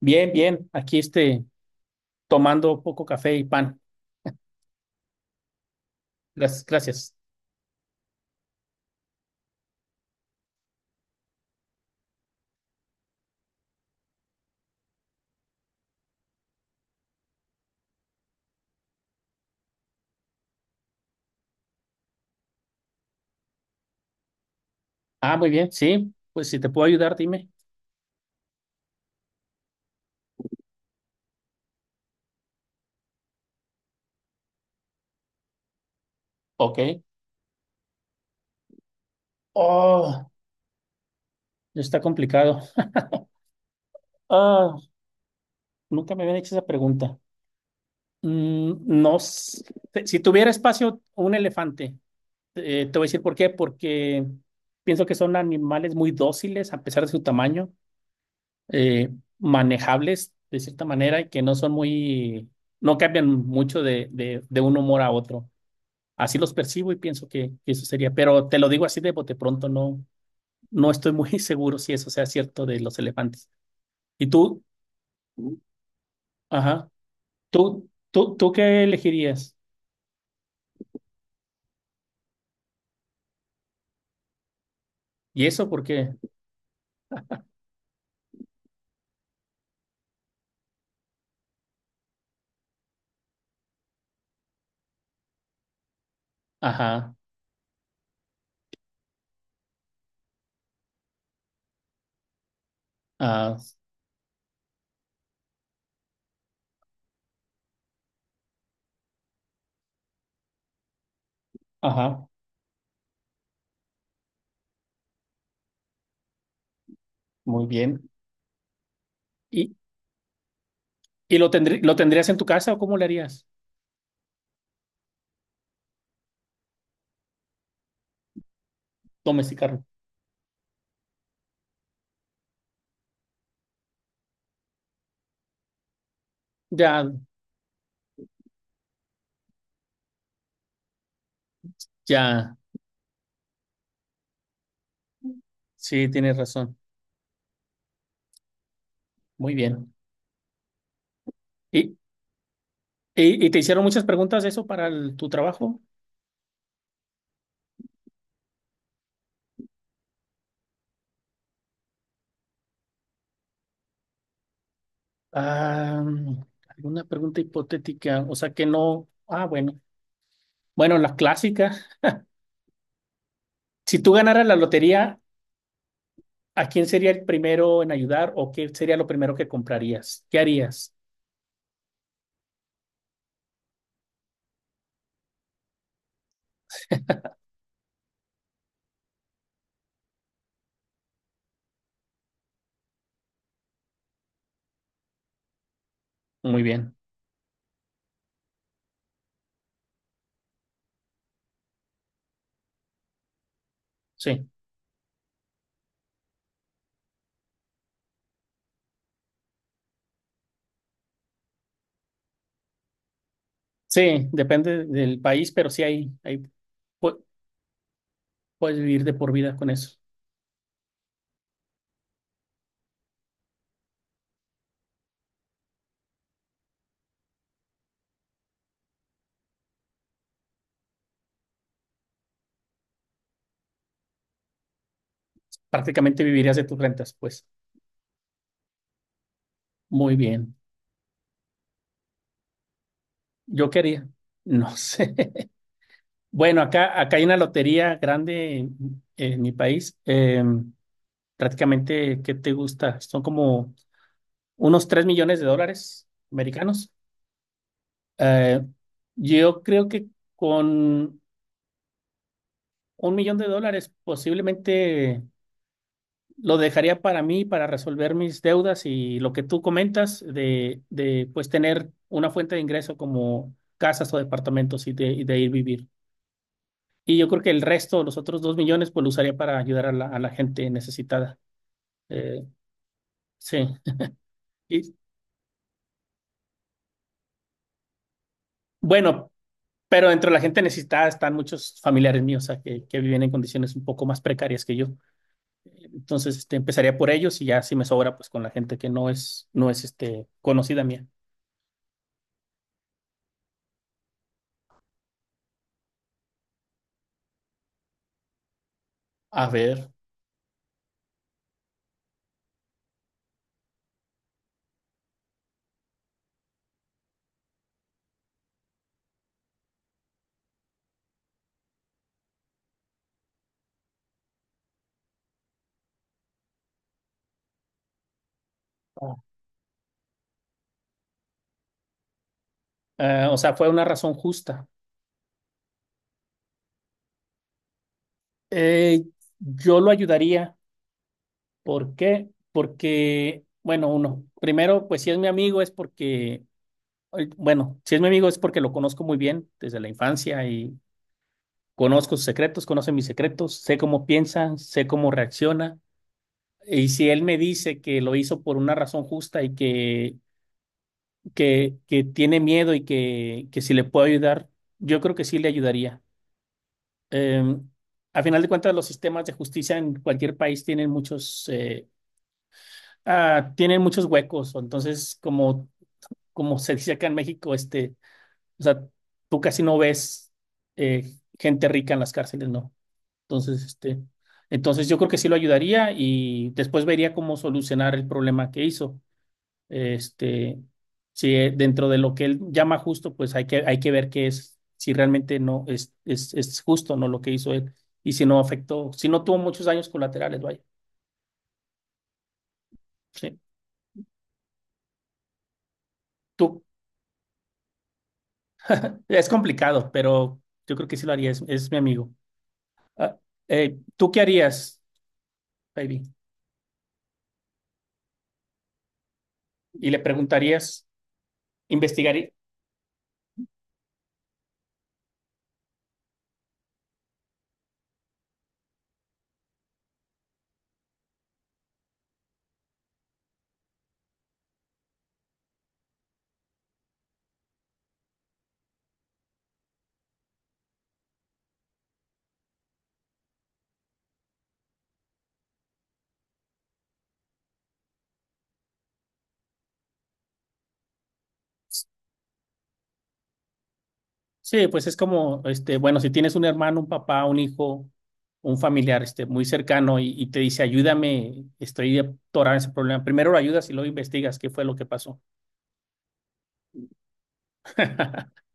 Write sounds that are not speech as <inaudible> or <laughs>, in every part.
Bien, bien. Aquí este, tomando poco café y pan. Gracias, gracias. Ah, muy bien. Sí, pues si te puedo ayudar, dime. Ok. Oh, está complicado. Ah, nunca me habían hecho esa pregunta. No, sé. Si tuviera espacio un elefante, te voy a decir por qué. Porque pienso que son animales muy dóciles a pesar de su tamaño, eh, manejables de cierta manera y que no son muy, no cambian mucho de, de un humor a otro. Así los percibo y pienso que eso sería, pero te lo digo así de bote pronto, no, no estoy muy <laughs> seguro si eso sea cierto de los elefantes. ¿Y tú? Ajá. ¿Tú qué elegirías? ¿Y eso por qué? Ajá. Ah, ajá. Muy bien. ¿Y, y lo tendrías en tu casa o cómo le harías? Domesticarlo. Ya, ya. Sí, tienes razón. Muy bien. ¿Y, y te hicieron muchas preguntas de eso para tu trabajo? Ah, alguna pregunta hipotética, o sea que no. Ah, bueno. Bueno, las clásicas. Si tú ganaras la lotería, ¿a quién sería el primero en ayudar o qué sería lo primero que comprarías? ¿Qué harías? Muy bien. Sí. Sí, depende del país, pero sí hay, pu- puedes vivir de por vida con eso. Prácticamente vivirías de tus rentas, pues. Muy bien. ¿Yo qué haría? No sé. <laughs> Bueno, acá hay una lotería grande en mi país. Prácticamente, ¿qué te gusta? Son como unos 3 millones de dólares americanos. Eh, yo creo que con 1 millón de dólares posiblemente lo dejaría para mí, para resolver mis deudas y lo que tú comentas de pues tener una fuente de ingreso como casas o departamentos y de ir vivir. Y yo creo que el resto, los otros 2 millones, pues lo usaría para ayudar a la gente necesitada. Eh, sí. Y, bueno, pero dentro de la gente necesitada están muchos familiares míos, o sea, que viven en condiciones un poco más precarias que yo. Entonces, este, empezaría por ellos y ya si me sobra, pues con la gente que no es, este, conocida mía. A ver, o sea, fue una razón justa. Eh, yo lo ayudaría. ¿Por qué? Porque, bueno, uno, primero, pues si es mi amigo es porque, bueno, si es mi amigo es porque lo conozco muy bien desde la infancia y conozco sus secretos, conoce mis secretos, sé cómo piensa, sé cómo reacciona. Y si él me dice que lo hizo por una razón justa y que, que tiene miedo y que si le puedo ayudar, yo creo que sí le ayudaría. Eh, a final de cuentas, los sistemas de justicia en cualquier país tienen muchos, tienen muchos huecos. O Entonces, como como se dice acá en México, este, o sea, tú casi no ves eh, gente rica en las cárceles, ¿no? Entonces, este, entonces yo creo que sí lo ayudaría y después vería cómo solucionar el problema que hizo. Este, si dentro de lo que él llama justo, pues hay que ver qué es, si realmente no es justo, ¿no? Lo que hizo él, y si no afectó, si no tuvo muchos daños colaterales, vaya. Sí. Tú, es complicado, pero yo creo que sí lo haría, es mi amigo. Ah, ¿Tú qué harías, baby? Y le preguntarías, investigaría. Sí, pues es como, este, bueno, si tienes un hermano, un papá, un hijo, un familiar, este, muy cercano y te dice, ayúdame, estoy atorado en ese problema. Primero lo ayudas y luego investigas qué fue lo que pasó. <laughs>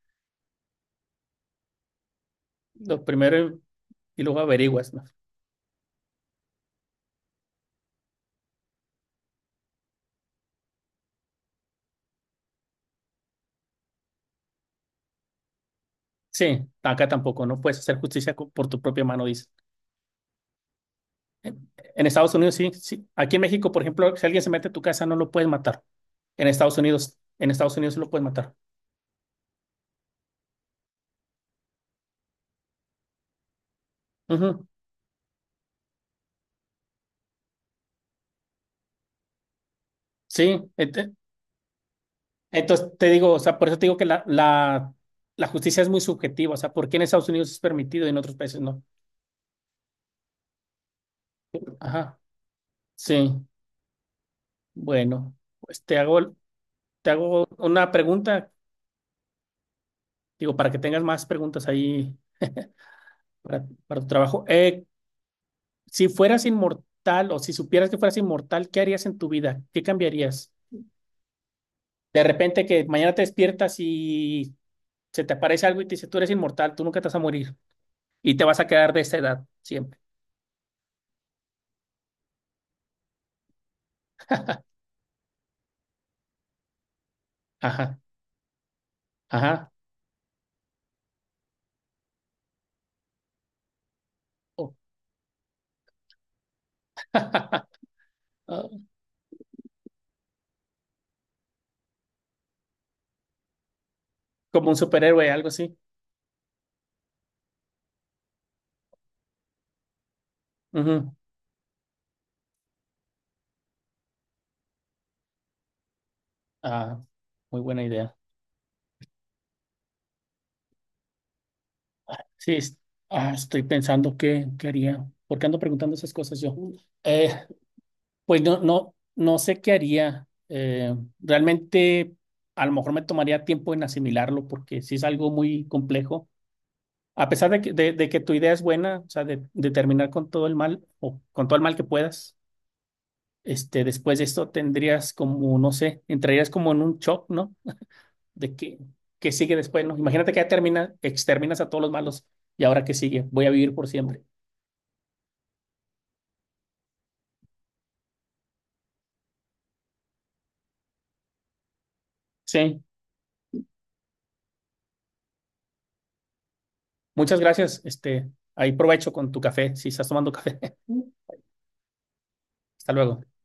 Lo primero y luego averiguas, ¿no? Sí, acá tampoco, no puedes hacer justicia por tu propia mano, dice. En Estados Unidos sí, sí. Aquí en México, por ejemplo, si alguien se mete a tu casa, no lo puedes matar. En Estados Unidos sí lo puedes matar. Ujú. Sí. Entonces, te digo, o sea, por eso te digo que la justicia es muy subjetiva, o sea, ¿por qué en Estados Unidos es permitido y en otros países no? Ajá, sí, bueno, pues te hago una pregunta, digo, para que tengas más preguntas ahí para tu trabajo. Si fueras inmortal o si supieras que fueras inmortal, ¿qué harías en tu vida? ¿Qué cambiarías? De repente que mañana te despiertas y se te aparece algo y te dice, tú eres inmortal, tú nunca te vas a morir y te vas a quedar de esa edad siempre. Ajá, ajá. Oh, ah, Como un superhéroe, algo así. Ujú. Ah, muy buena idea. Sí, estoy pensando qué haría. ¿Por qué ando preguntando esas cosas yo? Eh, pues no sé qué haría. Realmente, a lo mejor me tomaría tiempo en asimilarlo porque sí es algo muy complejo. A pesar de que tu idea es buena, o sea, de terminar con todo el mal o con todo el mal que puedas, este, después de esto tendrías como, no sé, entrarías como en un shock, ¿no? De que sigue después, ¿no? Imagínate que ya termina, exterminas a todos los malos y ahora qué sigue, voy a vivir por siempre. Sí, muchas gracias. Este, ahí provecho con tu café, si estás tomando café. <laughs> Hasta luego.